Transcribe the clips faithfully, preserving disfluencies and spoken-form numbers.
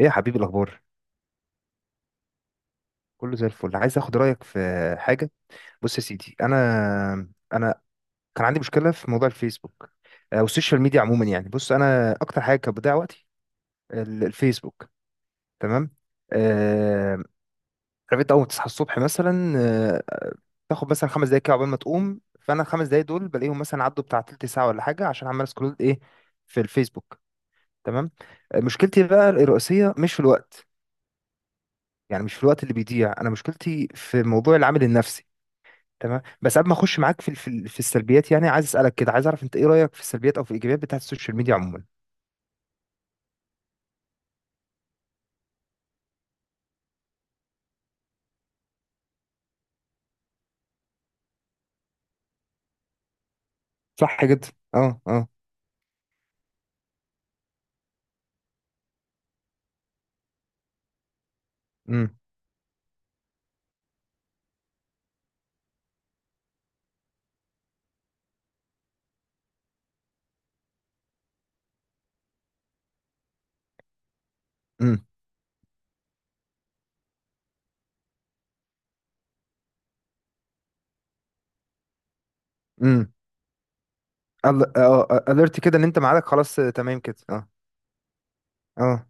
ايه يا حبيبي الاخبار؟ كله زي الفل. عايز اخد رايك في حاجه. بص يا سيدي، انا انا كان عندي مشكله في موضوع الفيسبوك. آه، والسوشيال ميديا عموما. يعني بص، انا اكتر حاجه كانت بتضيع وقتي ال- الفيسبوك. تمام. آه، عارف انت اول ما تصحى الصبح مثلا، آه، تاخد مثلا خمس دقايق كده عقبال ما تقوم، فانا الخمس دقايق دول بلاقيهم مثلا عدوا بتاع تلت ساعه ولا حاجه، عشان عمال اسكرول ايه في الفيسبوك. تمام. آه، مشكلتي بقى الرئيسيه مش في الوقت، يعني مش في الوقت اللي بيضيع. انا مشكلتي في موضوع العامل النفسي. تمام. بس قبل ما اخش معاك في في في السلبيات، يعني عايز اسالك كده، عايز اعرف انت ايه رايك في السلبيات او في الايجابيات بتاعت السوشيال ميديا عموما؟ صح جدا. اه اه. امم امم امم الرت كده، ان انت معاك خلاص، آه، تمام كده. اه. اه.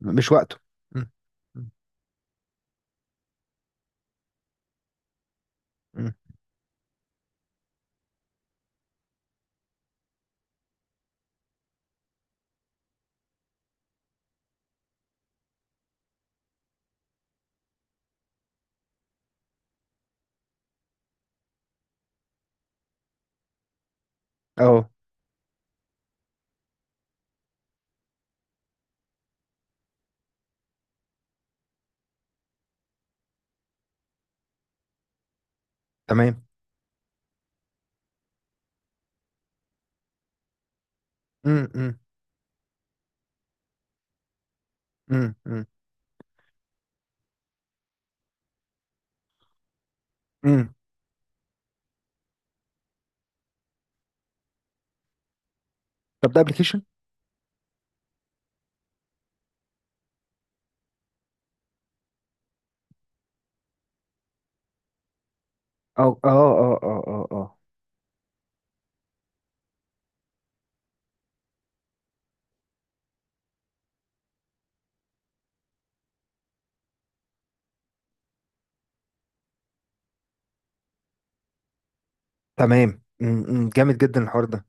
مش وقته. امم امم. اه. تمام. امم امم امم امم. أمم. طب ده ابلكيشن؟ اه اه اه اه اه. آه. تمام. امم. أمم. جامد جدا الحوار ده.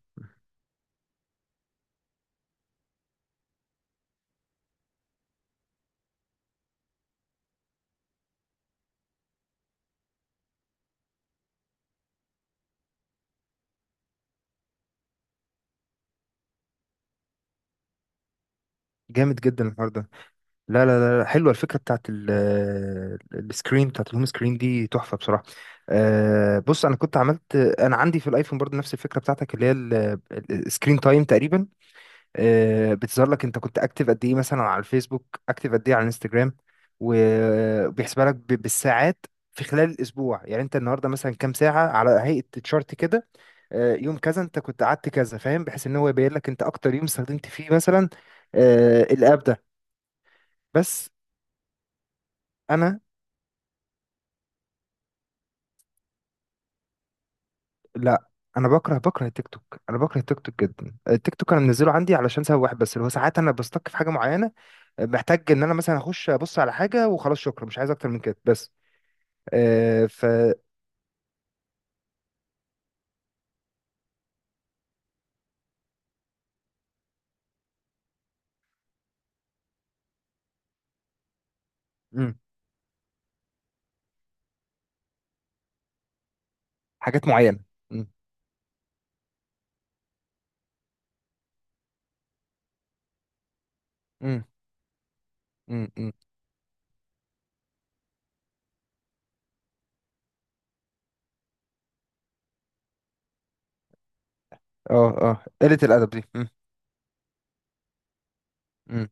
جامد جدا الحوار ده. لا لا لا لا، حلوه الفكره بتاعت ال- ال- السكرين، بتاعت الهوم سكرين دي، تحفه بصراحه. آه، بص، انا كنت عملت انا عندي في الايفون برضه نفس الفكره بتاعتك، اللي هي السكرين تايم تقريبا. آه، بتظهر لك انت كنت اكتف قد ايه مثلا على الفيسبوك، اكتف قد ايه على الانستجرام، وبيحسبها لك ب- بالساعات في خلال الاسبوع. يعني انت النهارده مثلا كام ساعه، على هيئه تشارت كده. آه، يوم كذا انت كنت قعدت كذا، فاهم، بحيث ان هو يبين لك انت اكتر يوم استخدمت فيه مثلا آه، الاب ده. بس انا لا، انا بكره بكره التيك توك. انا بكره التيك توك جدا. التيك توك انا منزله عندي علشان سبب واحد بس، اللي هو ساعات انا بستك في حاجه معينه، محتاج ان انا مثلا اخش ابص على حاجه وخلاص، شكرا، مش عايز اكتر من كده بس. آه ف مم. حاجات معينه. مم. مم. مم. مم. اه اه، قله الادب دي. مم. مم.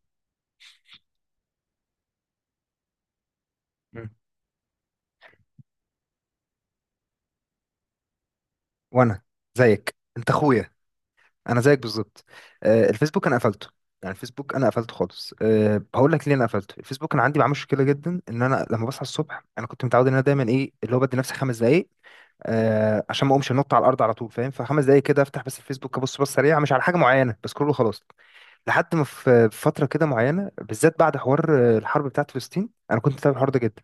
مم. وانا زيك انت اخويا. انا زيك بالظبط. آه، الفيسبوك انا قفلته. يعني الفيسبوك انا قفلته خالص. أه هقول لك ليه انا قفلته الفيسبوك. انا عندي معاه مشكله جدا، ان انا لما بصحى الصبح انا كنت متعود ان انا دايما ايه اللي هو بدي نفسي خمس دقائق. أه عشان ما اقومش انط على الارض على طول، فاهم؟ فخمس دقائق كده افتح بس الفيسبوك، ابص بص سريعه، مش على حاجه معينه بس كله، خلاص. لحد ما في في فترة كده معينة، بالذات بعد حوار آه، الحرب بتاعت فلسطين، أنا كنت متابع الحوار ده جدا.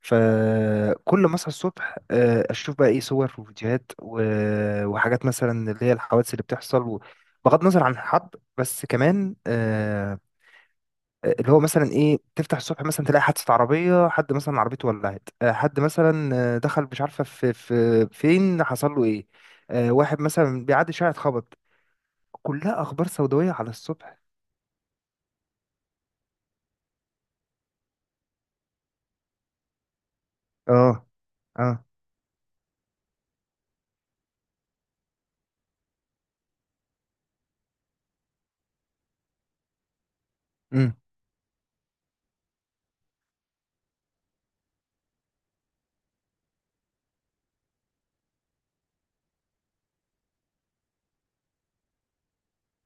فكل ما أصحى الصبح آه، أشوف بقى إيه، صور وفيديوهات و- وحاجات مثلا اللي هي الحوادث اللي بتحصل. و بغض النظر عن الحرب، بس كمان آه، اللي هو مثلا إيه، تفتح الصبح مثلا تلاقي حادثة عربية، حد مثلا عربيته ولعت، آه، حد مثلا آه، دخل مش عارفة في في فين، حصل له إيه، آه، واحد مثلا بيعدي شارع اتخبط. كلها أخبار سوداوية على الصبح. اه اه. امم.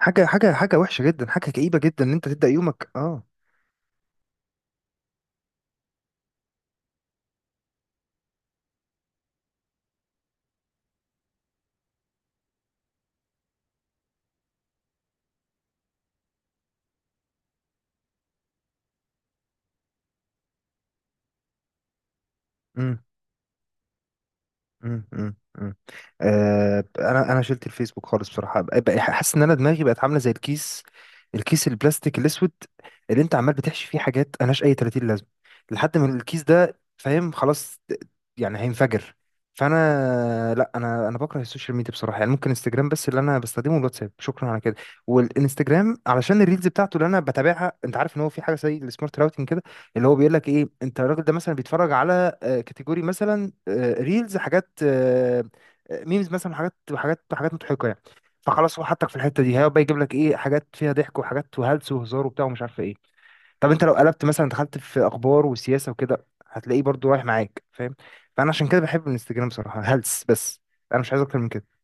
حاجه حاجه حاجه وحشه جدا، حاجه كئيبه جدا ان انت تبدا يومك. اه. امم. مم، مم، مم. آه، انا انا شلت الفيسبوك خالص بصراحه. بقى- بقى حاسس ان انا دماغي بقت عامله زي الكيس، الكيس البلاستيك الاسود اللي انت عمال بتحشي فيه حاجات ملهاش اي ثلاثين لازمه، لحد ما الكيس ده، فاهم، خلاص ت- يعني هينفجر. فانا لا، انا انا بكره السوشيال ميديا بصراحه. يعني ممكن انستجرام بس اللي انا بستخدمه، الواتساب شكرا على كده. والانستجرام علشان الريلز بتاعته اللي انا بتابعها. انت عارف ان هو في حاجه زي السمارت راوتنج كده، اللي هو بيقول لك ايه، انت الراجل ده مثلا بيتفرج على آه، كاتيجوري مثلا، آه، ريلز، حاجات، آه، آه، ميمز مثلا، حاجات حاجات حاجات مضحكه يعني. فخلاص هو حطك في الحته دي، هيبقى يجيب لك ايه، حاجات فيها ضحك، وحاجات وهلس وهزار وبتاع ومش عارفه ايه. طب انت لو قلبت مثلا دخلت في اخبار وسياسه وكده، هتلاقيه برضو رايح معاك، فاهم؟ فانا عشان كده بحب الانستجرام بصراحه، هلس بس. انا مش عايز اكتر من كده.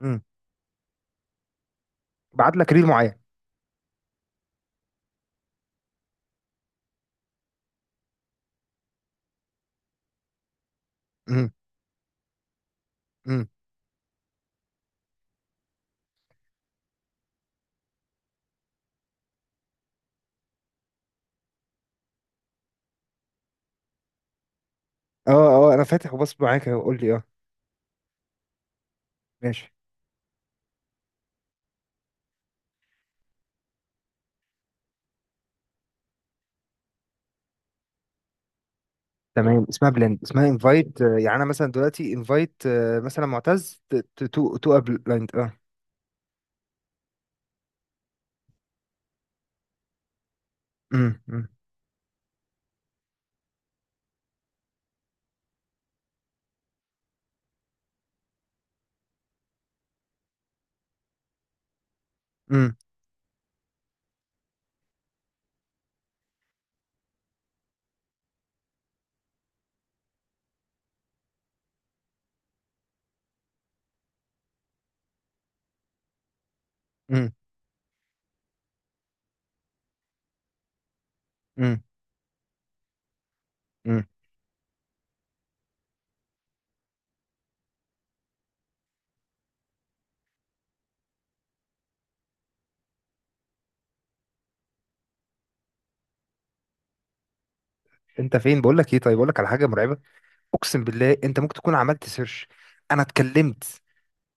امم. بعت لك ريل معين. امم. امم. اه اه، انا فاتح وبص معاك أهو، قول لي. اه. ماشي. تمام، اسمها بلند. اسمها انفايت، يعني انا مثلا دلوقتي انفايت مثلا معتز، تو تو بلند. اه. امم امم امم امم امم امم. انت فين؟ بقول لك ايه، طيب بقول لك على حاجه مرعبه. اقسم بالله انت ممكن تكون عملت سيرش. انا اتكلمت،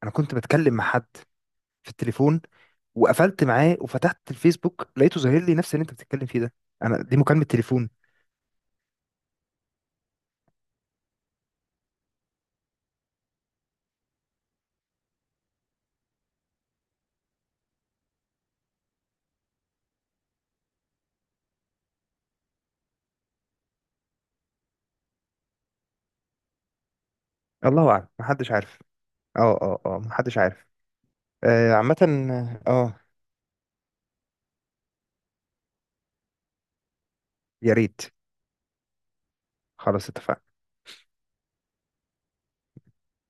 انا كنت بتكلم مع حد في التليفون، وقفلت معاه وفتحت الفيسبوك لقيته ظاهر لي نفس اللي انت بتتكلم فيه ده. انا دي مكالمه تليفون. الله اعلم، محدش عارف. اه اه اه، محدش عارف. آه عامه. اه. يا ريت. خلاص، اتفقنا.